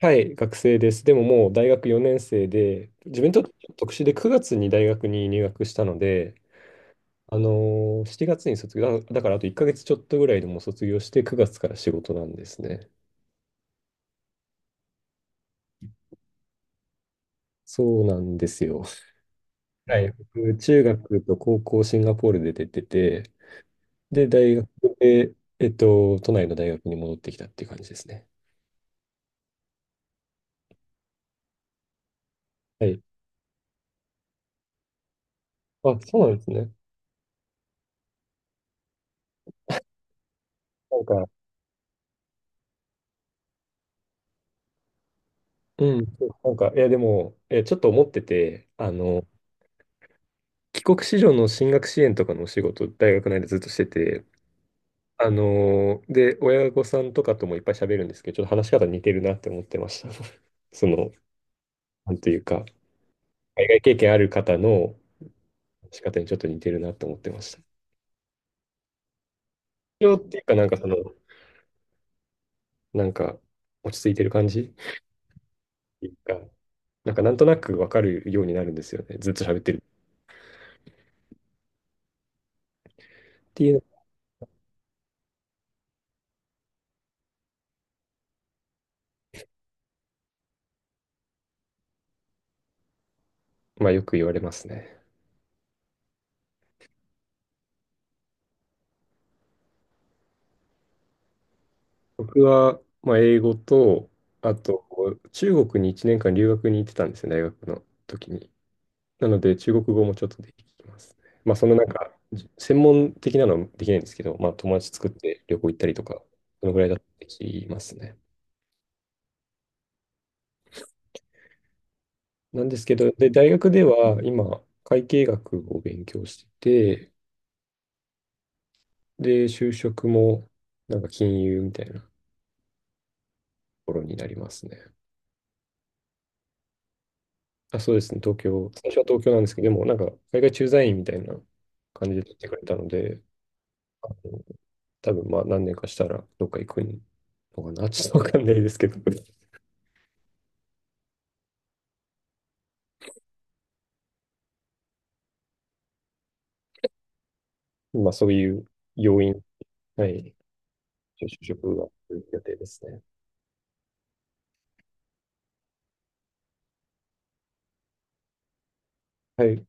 はい、学生です。でももう大学4年生で、自分にとってちょっと特殊で9月に大学に入学したので、7月に卒業、だからあと1ヶ月ちょっとぐらいでもう卒業して9月から仕事なんですね。そうなんですよ。はい、僕中学と高校シンガポールで出てて、で、大学で、都内の大学に戻ってきたっていう感じですね。はい。あ、そうなんですね。なんか、うん、なんか、いや、でも、え、ちょっと思ってて、帰国子女の進学支援とかのお仕事、大学内でずっとしてて、で、親御さんとかともいっぱい喋るんですけど、ちょっと話し方似てるなって思ってました。その、なんというか、海外経験ある方の話し方にちょっと似てるなと思ってました。今日っていうか、なんかその、なんか、落ち着いてる感じっていうか、なんかなんとなくわかるようになるんですよね。ずっと喋ってるっていうの、まあよく言われますね。僕は、まあ、英語と、あと、中国に1年間留学に行ってたんですよ、大学の時に。なので、中国語もちょっとできますね。まあ、専門的なのはできないんですけど、まあ、友達作って旅行行ったりとか、そのぐらいだとできますね。なんですけど、で、大学では今、会計学を勉強してて、で、就職も、なんか金融みたいなところになりますね。あ、そうですね、東京。最初は東京なんですけど、でもなんか海外駐在員みたいな感じで取ってくれたので、あの多分まあ何年かしたらどっか行くのかな、ちょっとわかんないですけど、まあそういう要因、はい、就職が来る予定ですね。はい。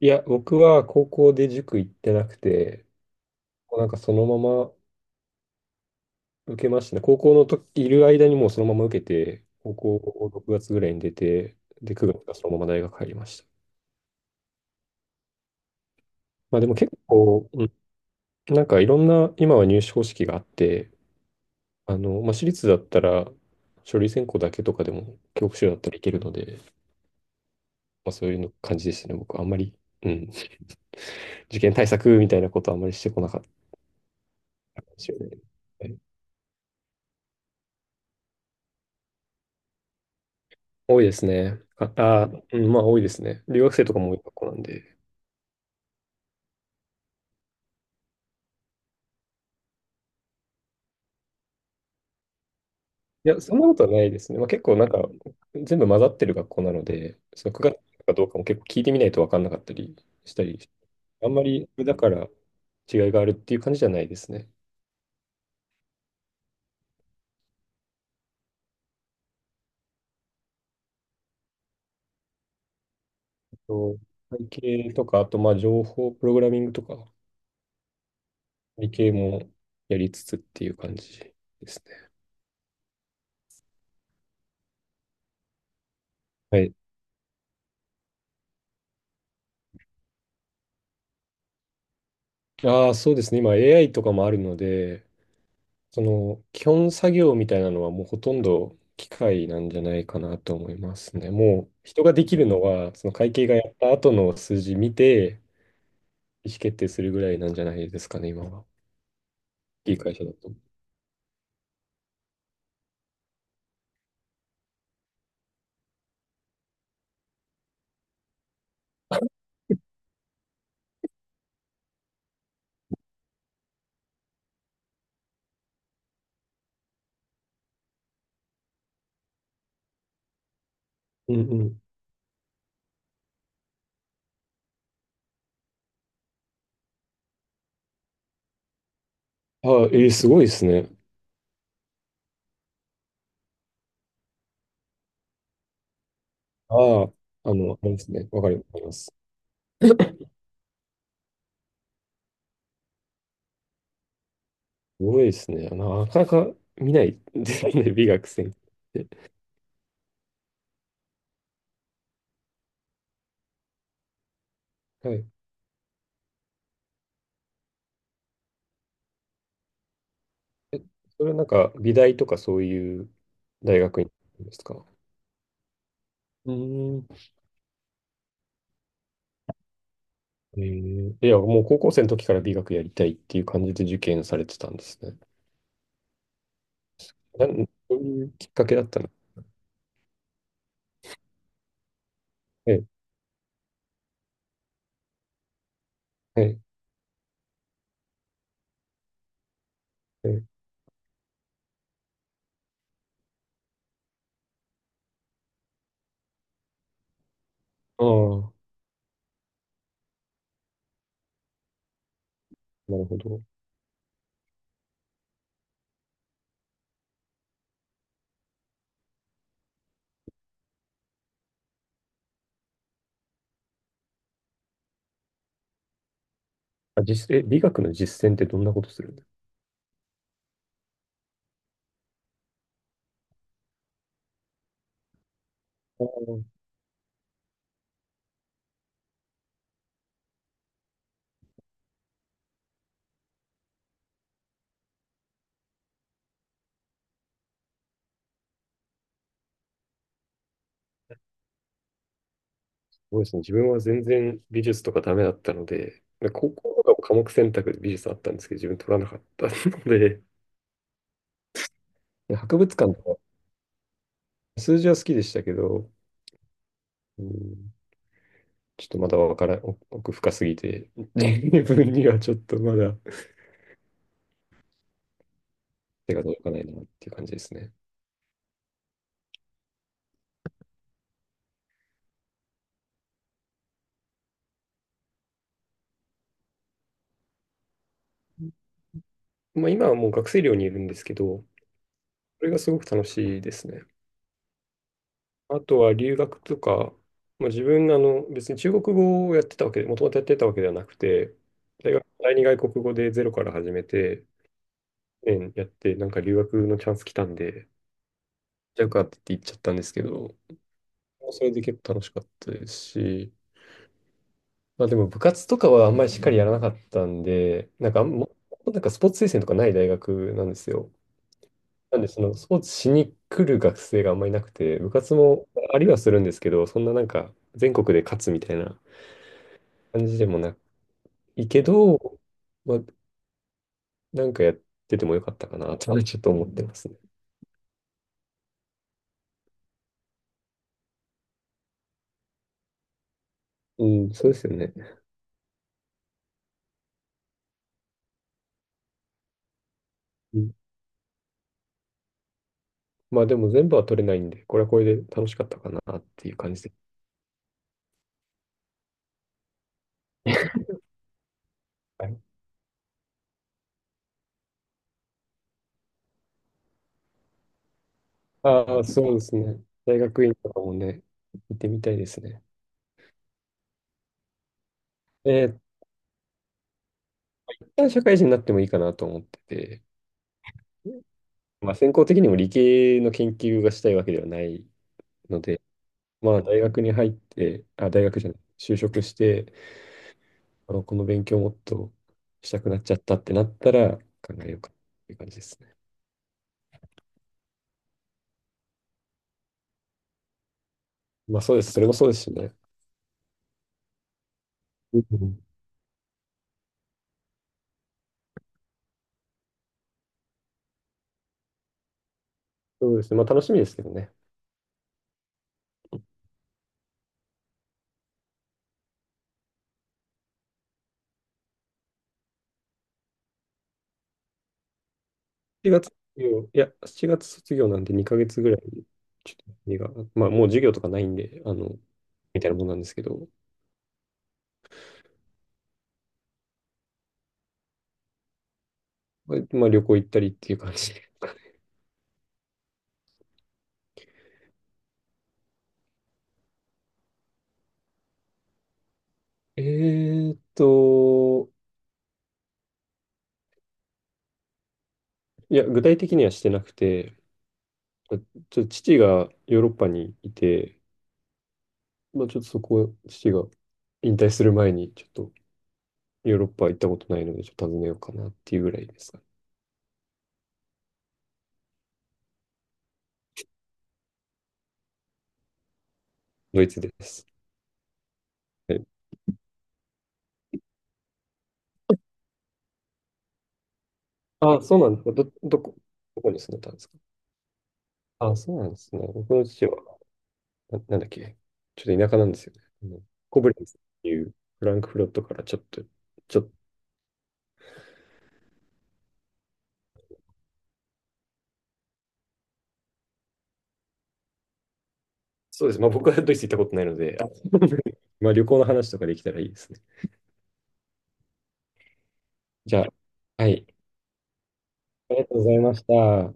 いや、僕は高校で塾行ってなくて、もうなんかそのまま受けましたね。高校のといる間にもうそのまま受けて、高校を6月ぐらいに出て、で、9月がそのまま大学入りました。まあでも結構、なんかいろんな、今は入試方式があって、まあ、私立だったら、書類選考だけとかでも、教科書だったらいけるので、まあ、そういうの感じでしたね。僕、あんまり、うん、受験対策みたいなことはあんまりしてこなかったかもしれない。はい、多いですね。うん、まあ多いですね。留学生とかも多い学校なんで。いや、そんなことはないですね。まあ、結構なんか、全部混ざってる学校なので、その9月かどうかも結構聞いてみないと分かんなかったりしたり、あんまり、だから違いがあるっていう感じじゃないですね。と、会計とか、あと、まあ、情報プログラミングとか、理系もやりつつっていう感じですね。はい。ああ、そうですね。今、AI とかもあるので、その、基本作業みたいなのはもうほとんど機械なんじゃないかなと思いますね。もう、人ができるのは、その会計がやった後の数字見て、意思決定するぐらいなんじゃないですかね、今は。いい会社だと。うんうん。ああ、えーすごいですね。ああ、あの、あれですね。わかります。すごいですね。なかなか見ないですね、美学専攻って。はい。え、それはなんか、美大とかそういう大学に行くんですか？うーん。えー、いや、もう高校生の時から美学やりたいっていう感じで受験されてたんですね。なん、そういうきっかけだったの？ええ、ええ、ええ。ああ、なるほど。あ、実、え、美学の実践ってどんなことするんですか？ああ、すごいですね。自分は全然美術とかダメだったので、高校とかも科目選択で美術あったんですけど、自分取らなかったので、で博物館とか。数字は好きでしたけど、うん、ちょっとまだわからん、奥深すぎて、自分にはちょっとまだ手が届かないなっていう感じですね。まあ、今はもう学生寮にいるんですけど、それがすごく楽しいですね。あとは留学とか、まあ、自分あの別に中国語をやってたわけで、もともとやってたわけではなくて、大学第二外国語でゼロから始めて、年やって、なんか留学のチャンス来たんで、じゃあ受かってって言っちゃったんですけど、それで結構楽しかったですし、まあでも部活とかはあんまりしっかりやらなかったんで、なんかスポーツ推薦とかない大学なんですよ。なんでそのスポーツしに来る学生があんまりいなくて、部活もありはするんですけど、そんななんか全国で勝つみたいな感じでもないけど、まあなんかやっててもよかったかなとはちょっと思ってますね。うん、そうですよね。うん、まあでも全部は取れないんで、これはこれで楽しかったかなっていう感じで。はい、ああ、そうですね。大学院とかもね、行ってみたいですね。えー、一旦社会人になってもいいかなと思ってて、まあ、専攻的にも理系の研究がしたいわけではないので、まあ、大学に入って、あ、大学じゃない、就職して、この勉強もっとしたくなっちゃったってなったら考えようかっていう感じですね。まあ、そうです。それもそうですしね。うん、そうですね。まあ、楽しみですけどね。7月卒7月卒業なんで2ヶ月ぐらい、ちょっと休みが、まあ、もう授業とかないんで、みたいなもんなんですけど、まあ旅行行ったりっていう感じで。えーっと、いや、具体的にはしてなくて、まあちょっと父がヨーロッパにいて、まあ、ちょっとそこ、父が引退する前に、ちょっとヨーロッパ行ったことないので、ちょっと訪ねようかなっていうぐらいですか。ドイツです。はい、あ、そうなんですか。どこに住んでたんですか？あ、そうなんですね。僕の父は、なんだっけ、ちょっと田舎なんですよね。あのコブレンツっていうフランクフルトからちょっと、ちょっ、そうですね。まあ、僕はドイツ行ったことないので、あ まあ、旅行の話とかできたらいいですね。じゃあ、はい。ありがとうございました。